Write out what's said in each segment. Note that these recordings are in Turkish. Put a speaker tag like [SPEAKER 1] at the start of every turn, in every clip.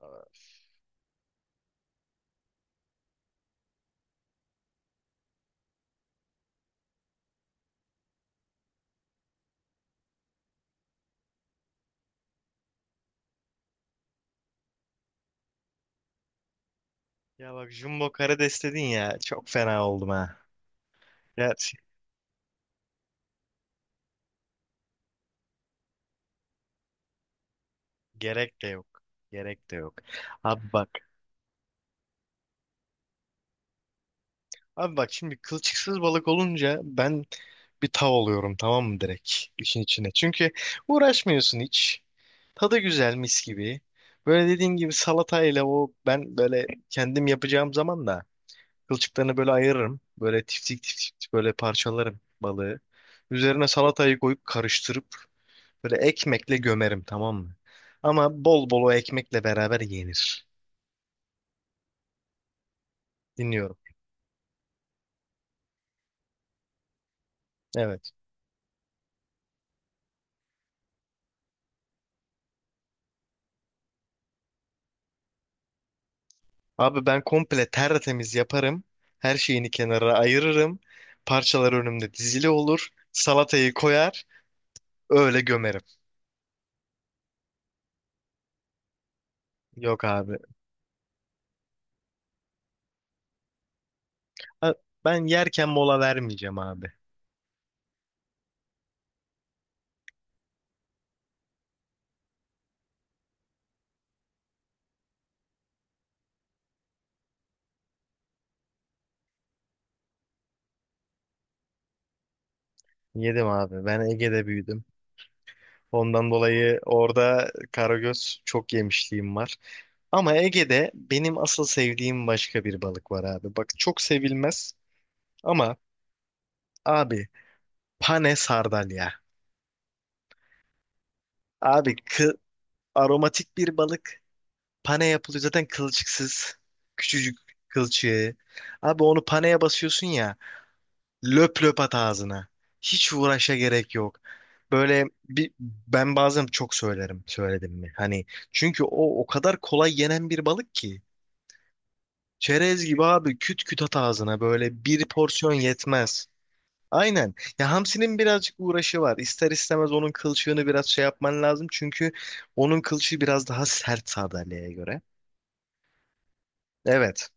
[SPEAKER 1] Evet. Ya bak Jumbo Karades dedin ya çok fena oldum ha. Ya, gerek de yok. Gerek de yok. Abi bak. Abi bak şimdi kılçıksız balık olunca ben bir tav oluyorum tamam mı direkt işin içine. Çünkü uğraşmıyorsun hiç. Tadı güzel mis gibi. Böyle dediğin gibi salatayla o ben böyle kendim yapacağım zaman da kılçıklarını böyle ayırırım. Böyle tiftik tiftik böyle parçalarım balığı. Üzerine salatayı koyup karıştırıp böyle ekmekle gömerim tamam mı? Ama bol bol o ekmekle beraber yenir. Dinliyorum. Evet. Abi ben komple tertemiz yaparım. Her şeyini kenara ayırırım. Parçalar önümde dizili olur. Salatayı koyar. Öyle gömerim. Yok abi. A- Ben yerken mola vermeyeceğim abi. Yedim abi. Ben Ege'de büyüdüm. Ondan dolayı orada karagöz çok yemişliğim var. Ama Ege'de benim asıl sevdiğim başka bir balık var abi. Bak çok sevilmez ama abi pane sardalya. Abi aromatik bir balık. Pane yapılıyor zaten kılçıksız. Küçücük kılçığı. Abi onu paneye basıyorsun ya. Löp löp at ağzına. Hiç uğraşa gerek yok. Böyle bir ben bazen çok söylerim söyledim mi? Hani çünkü o kadar kolay yenen bir balık ki. Çerez gibi abi küt küt at ağzına böyle bir porsiyon yetmez. Aynen. Ya hamsinin birazcık uğraşı var. İster istemez onun kılçığını biraz şey yapman lazım. Çünkü onun kılçığı biraz daha sert sandalyeye göre. Evet.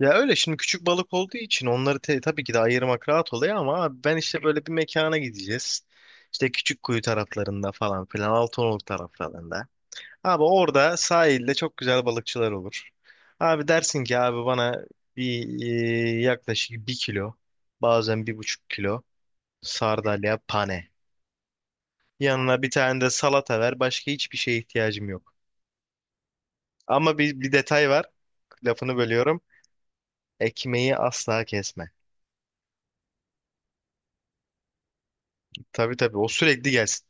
[SPEAKER 1] Ya öyle şimdi küçük balık olduğu için onları tabii ki de ayırmak rahat oluyor ama abi ben işte böyle bir mekana gideceğiz. İşte Küçükkuyu taraflarında falan filan Altınoluk taraflarında. Abi orada sahilde çok güzel balıkçılar olur. Abi dersin ki abi bana bir yaklaşık 1 kilo bazen 1,5 kilo sardalya pane. Yanına bir tane de salata ver. Başka hiçbir şeye ihtiyacım yok. Ama bir detay var. Lafını bölüyorum. Ekmeği asla kesme. Tabii tabii o sürekli gelsin.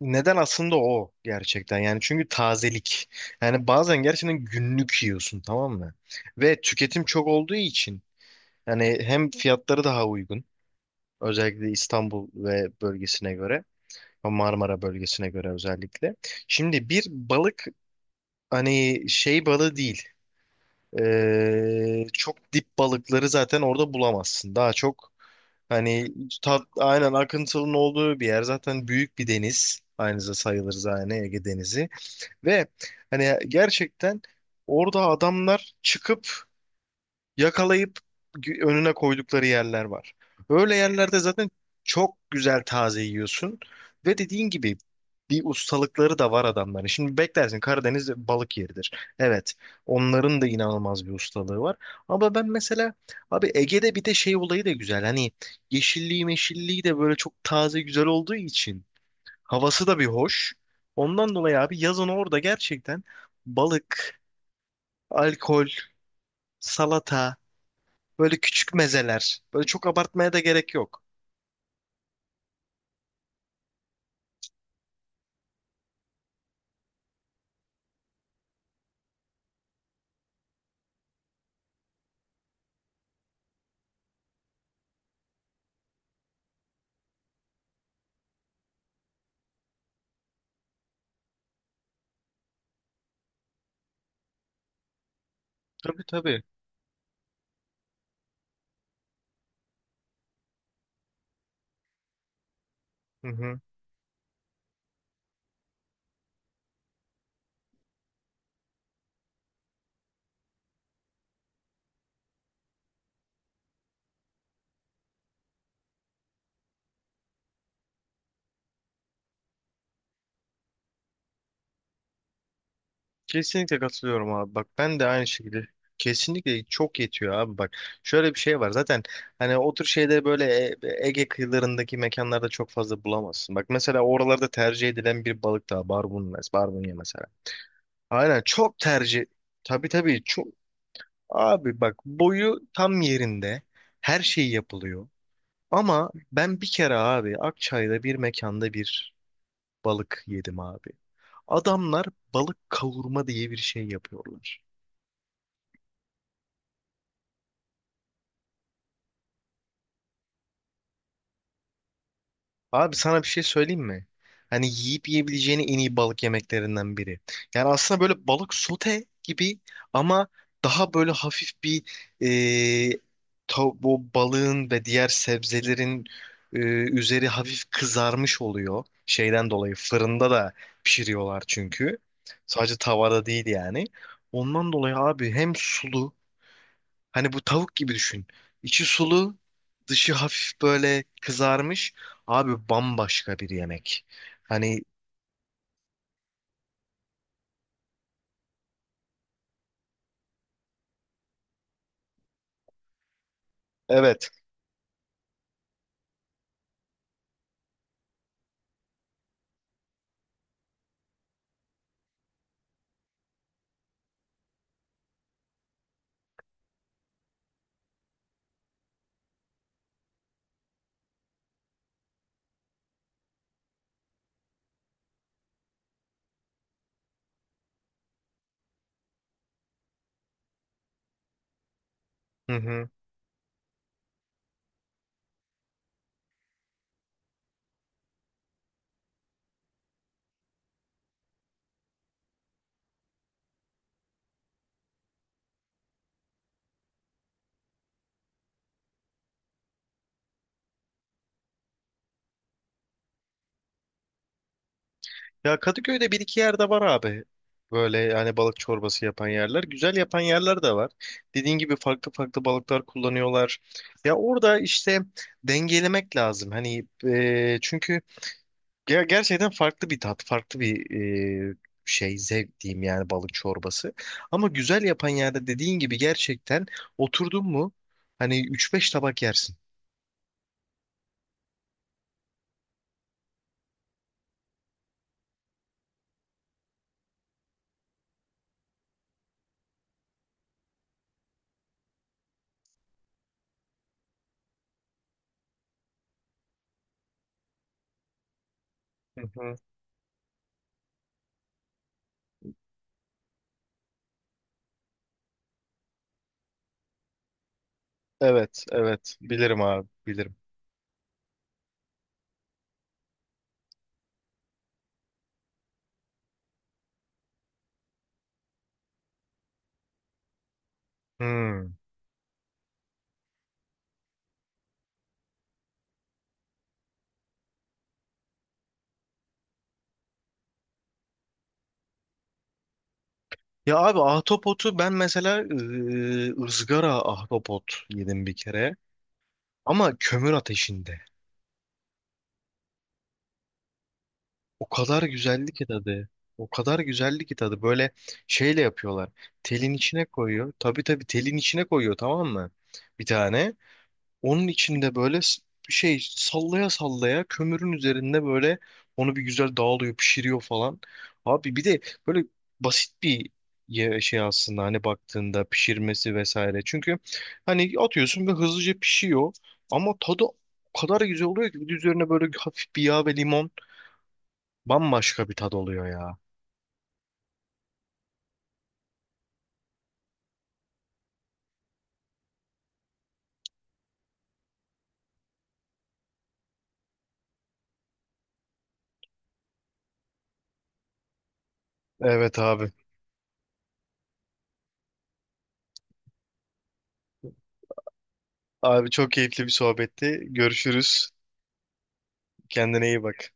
[SPEAKER 1] Neden aslında o gerçekten yani çünkü tazelik. Yani bazen gerçekten günlük yiyorsun tamam mı? Ve tüketim çok olduğu için yani hem fiyatları daha uygun, özellikle İstanbul ve bölgesine göre, Marmara bölgesine göre özellikle. Şimdi bir balık hani şey balığı değil. Çok dip balıkları zaten orada bulamazsın. Daha çok hani tat, aynen akıntının olduğu bir yer. Zaten büyük bir deniz. Aynıza sayılır zaten Ege Denizi. Ve hani gerçekten orada adamlar çıkıp yakalayıp önüne koydukları yerler var. Öyle yerlerde zaten çok güzel taze yiyorsun ve dediğin gibi bir ustalıkları da var adamların. Şimdi beklersin Karadeniz balık yeridir. Evet, onların da inanılmaz bir ustalığı var. Ama ben mesela abi Ege'de bir de şey olayı da güzel. Hani yeşilliği meşilliği de böyle çok taze güzel olduğu için havası da bir hoş. Ondan dolayı abi yazın orada gerçekten balık, alkol, salata. Böyle küçük mezeler. Böyle çok abartmaya da gerek yok. Tabii tabii. Hı hı. Kesinlikle katılıyorum abi. Bak ben de aynı şekilde. Kesinlikle çok yetiyor abi bak. Şöyle bir şey var zaten hani o tür şeyleri böyle Ege kıyılarındaki mekanlarda çok fazla bulamazsın. Bak mesela oralarda tercih edilen bir balık daha barbunya, barbunya mesela. Aynen çok tercih. Tabii tabii çok. Abi bak boyu tam yerinde. Her şey yapılıyor. Ama ben bir kere abi Akçay'da bir mekanda bir balık yedim abi. Adamlar balık kavurma diye bir şey yapıyorlar. Abi sana bir şey söyleyeyim mi? Hani yiyip yiyebileceğin en iyi balık yemeklerinden biri. Yani aslında böyle balık sote gibi ama daha böyle hafif bir e, bu balığın ve diğer sebzelerin e, üzeri hafif kızarmış oluyor. Şeyden dolayı fırında da pişiriyorlar çünkü. Sadece tavada değil yani. Ondan dolayı abi hem sulu. Hani bu tavuk gibi düşün. İçi sulu, dışı hafif böyle kızarmış. Abi bambaşka bir yemek. Hani. Evet. Hı hı. Ya Kadıköy'de bir iki yerde var abi. Böyle yani balık çorbası yapan yerler. Güzel yapan yerler de var. Dediğin gibi farklı farklı balıklar kullanıyorlar. Ya orada işte dengelemek lazım. Hani çünkü gerçekten farklı bir tat, farklı bir e, şey, zevk diyeyim yani balık çorbası. Ama güzel yapan yerde dediğin gibi gerçekten oturdun mu hani üç beş tabak yersin. Hı hı. Evet, evet. Bilirim abi, bilirim. Hmm. Ya abi ahtapotu ben mesela ızgara ahtapot yedim bir kere. Ama kömür ateşinde. O kadar güzeldi ki tadı. O kadar güzeldi ki tadı. Böyle şeyle yapıyorlar. Telin içine koyuyor. Tabii tabii telin içine koyuyor tamam mı? Bir tane. Onun içinde böyle şey sallaya sallaya kömürün üzerinde böyle onu bir güzel dağılıyor, pişiriyor falan. Abi bir de böyle basit bir şey aslında hani baktığında pişirmesi vesaire. Çünkü hani atıyorsun ve hızlıca pişiyor ama tadı o kadar güzel oluyor ki bir de üzerine böyle hafif bir yağ ve limon. Bambaşka bir tad oluyor ya. Evet abi. Abi çok keyifli bir sohbetti. Görüşürüz. Kendine iyi bak.